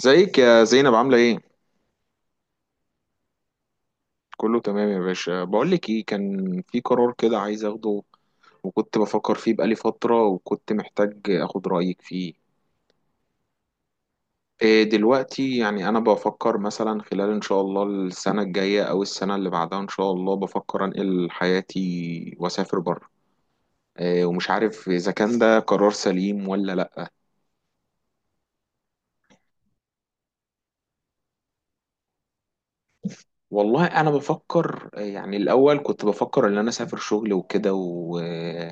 ازيك يا زينب، عاملة ايه؟ كله تمام يا باشا. بقولك ايه، كان في قرار كده عايز اخده وكنت بفكر فيه بقالي فترة وكنت محتاج اخد رأيك فيه. دلوقتي يعني انا بفكر مثلا خلال ان شاء الله السنة الجاية او السنة اللي بعدها ان شاء الله، بفكر انقل حياتي واسافر بره. ومش عارف اذا كان ده قرار سليم ولا لا. والله انا بفكر، يعني الاول كنت بفكر ان انا اسافر شغل وكده و-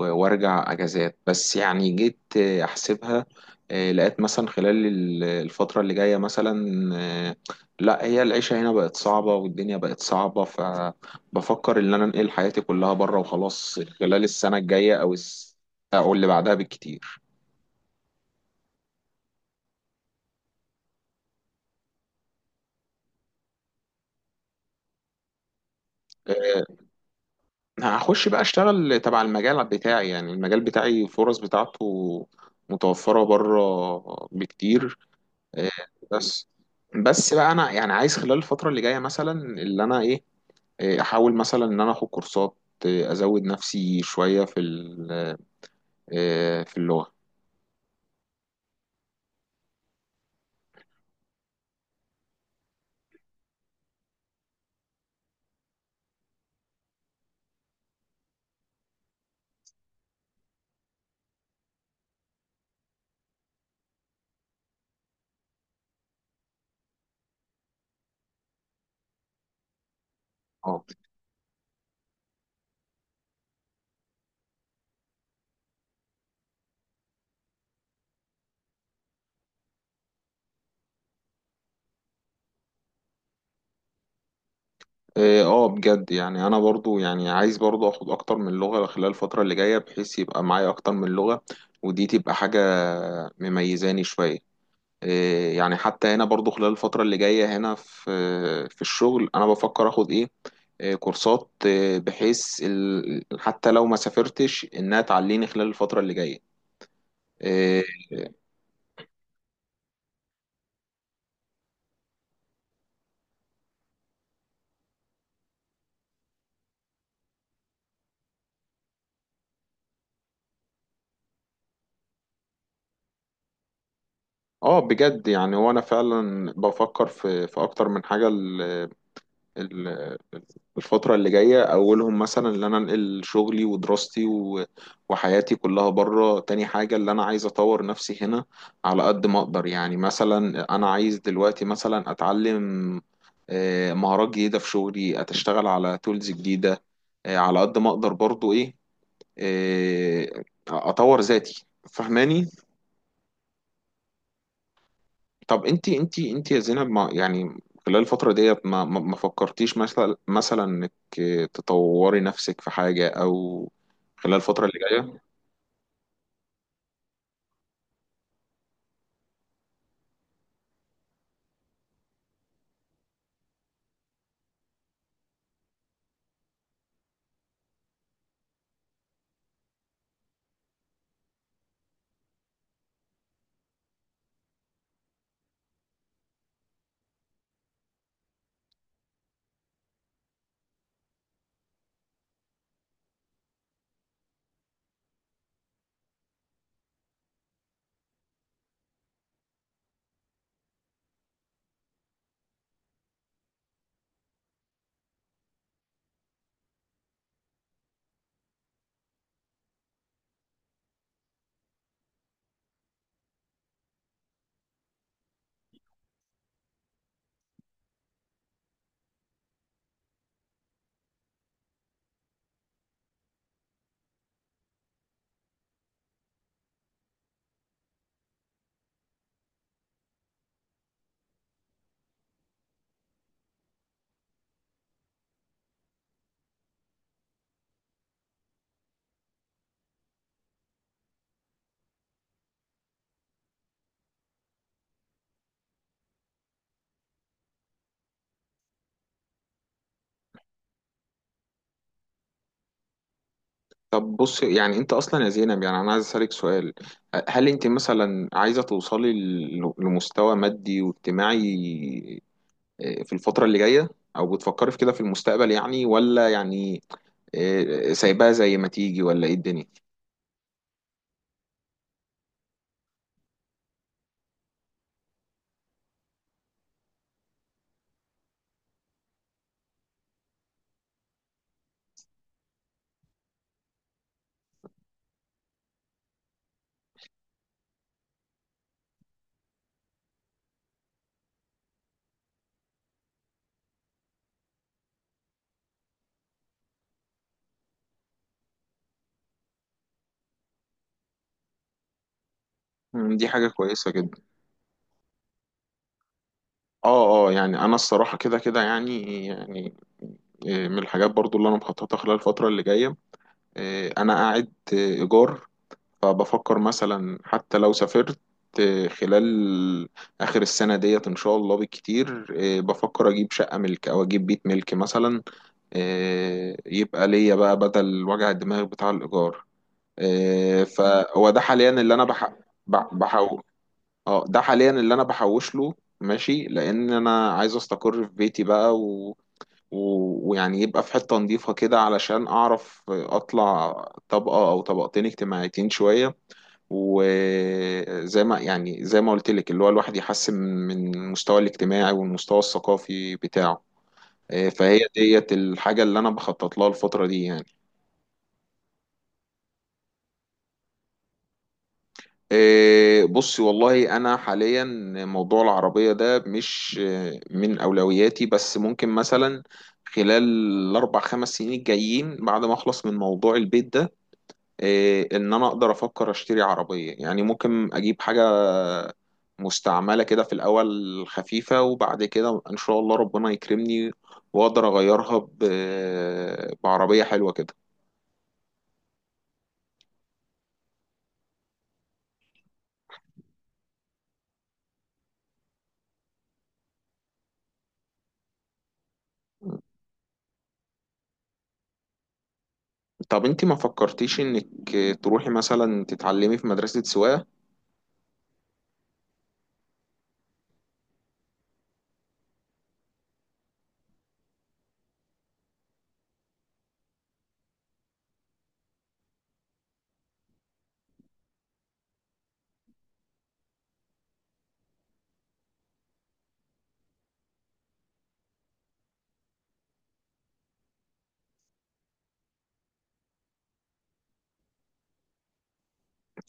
وارجع اجازات، بس يعني جيت احسبها. لقيت مثلا خلال الفترة اللي جاية مثلا. آه، لا، هي العيشة هنا بقت صعبة والدنيا بقت صعبة، فبفكر ان انا انقل حياتي كلها بره وخلاص خلال السنة الجاية او او اللي بعدها بالكتير. آه، هخش بقى اشتغل تبع المجال بتاعي، يعني المجال بتاعي الفرص بتاعته متوفرة بره بكتير. إيه، بس بس بقى انا يعني عايز خلال الفتره اللي جايه مثلا اللي انا ايه، احاول مثلا ان انا اخد كورسات، ازود نفسي شويه في في اللغه. اه. اه، بجد، يعني انا برضو يعني عايز برضو اخد اكتر من لغه خلال الفتره اللي جايه بحيث يبقى معايا اكتر من لغه، ودي تبقى حاجه مميزاني شويه. يعني حتى هنا برضو خلال الفتره اللي جايه هنا في الشغل انا بفكر اخد ايه، كورسات، بحيث حتى لو ما سافرتش انها تعليني خلال الفترة اللي جاية. اه. بجد، يعني هو انا فعلا بفكر في اكتر من حاجة. ال- الفترة اللي جاية اولهم مثلا ان انا انقل شغلي ودراستي و- وحياتي كلها بره، تاني حاجة اللي انا عايز اطور نفسي هنا على قد ما اقدر. يعني مثلا انا عايز دلوقتي مثلا اتعلم مهارات جديدة في شغلي، اتشتغل على تولز جديدة على قد ما اقدر برضو ايه، اطور ذاتي، فهماني؟ طب انت يا زينب، ما يعني خلال الفترة ديت ما فكرتيش مثلا انك تطوري نفسك في حاجة، او خلال الفترة اللي جاية؟ طب بص، يعني انت اصلا يا زينب، يعني انا عايز اسالك سؤال. هل انت مثلا عايزة توصلي ل- لمستوى مادي واجتماعي في الفترة اللي جاية، او بتفكري في كده في المستقبل يعني، ولا يعني سايباها زي ما تيجي؟ ولا ايه الدنيا؟ دي حاجة كويسة جدا. اه، اه، يعني انا الصراحه كده يعني من الحاجات برضو اللي انا مخططها خلال الفتره اللي جايه. انا قاعد ايجار، فبفكر مثلا حتى لو سافرت خلال اخر السنه ديت ان شاء الله بالكتير، بفكر اجيب شقه ملك او اجيب بيت ملك مثلا، يبقى ليا بقى بدل وجع الدماغ بتاع الايجار. فهو ده حاليا اللي انا بحقق. اه، ده حاليا اللي انا بحوش له، ماشي، لان انا عايز استقر في بيتي بقى، و... ويعني يبقى في حتة نظيفة كده علشان اعرف اطلع طبقة او طبقتين اجتماعيتين شوية، وزي ما يعني، زي ما قلت لك، اللي هو الواحد يحسن من المستوى الاجتماعي والمستوى الثقافي بتاعه. فهي ديت الحاجة اللي انا بخطط لها الفترة دي يعني. بصي، والله انا حاليا موضوع العربيه ده مش من اولوياتي، بس ممكن مثلا خلال الاربع خمس سنين الجايين بعد ما اخلص من موضوع البيت ده ان انا اقدر افكر اشتري عربيه. يعني ممكن اجيب حاجه مستعمله كده في الاول، خفيفه، وبعد كده ان شاء الله ربنا يكرمني واقدر اغيرها ب- بعربيه حلوه كده. طب انت ما فكرتيش انك تروحي مثلا تتعلمي في مدرسه سواقه؟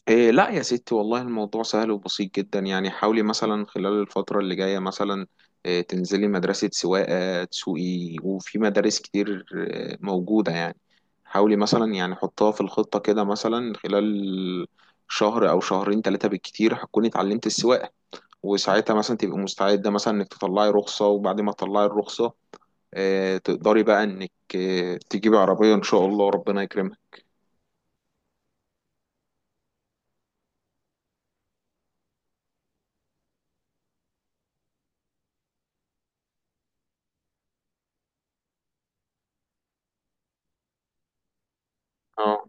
لا يا ستي، والله الموضوع سهل وبسيط جدا. يعني حاولي مثلا خلال الفترة اللي جاية مثلا تنزلي مدرسة سواقة تسوقي، وفي مدارس كتير موجودة يعني. حاولي مثلا، يعني حطها في الخطة كده مثلا خلال شهر أو شهرين ثلاثة بالكتير هتكوني اتعلمت السواقة، وساعتها مثلا تبقي مستعدة مثلا إنك تطلعي رخصة، وبعد ما تطلعي الرخصة تقدري بقى إنك تجيبي عربية إن شاء الله ربنا يكرمك. اه.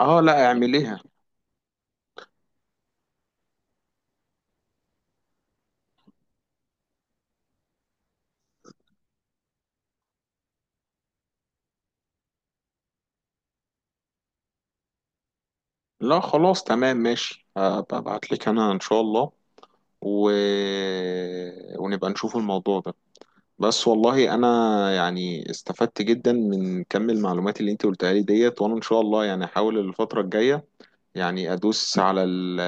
اه. لا، اعمليها. لا خلاص تمام ماشي، ابعت لك انا ان شاء الله و... ونبقى نشوف الموضوع ده. بس والله انا يعني استفدت جدا من كم المعلومات اللي انت قلتها لي ديت، وانا ان شاء الله يعني احاول الفترة الجاية يعني ادوس على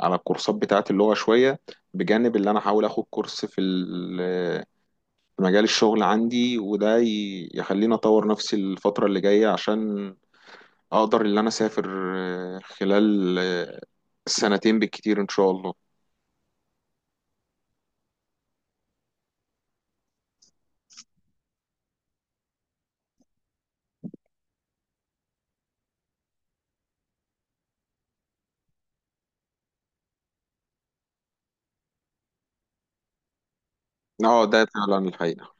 على الكورسات بتاعت اللغة شوية، بجانب اللي انا احاول اخد كورس في في مجال الشغل عندي، وده يخليني اطور نفسي الفترة اللي جاية عشان اقدر ان انا اسافر خلال 2 سنين بالكتير ان شاء الله. اه، ده فعلا الحقيقة.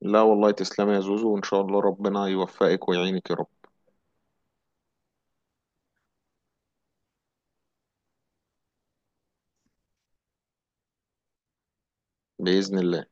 لا والله، تسلم يا زوزو، وان شاء الله ربنا يوفقك ويعينك يا رب. بإذن الله.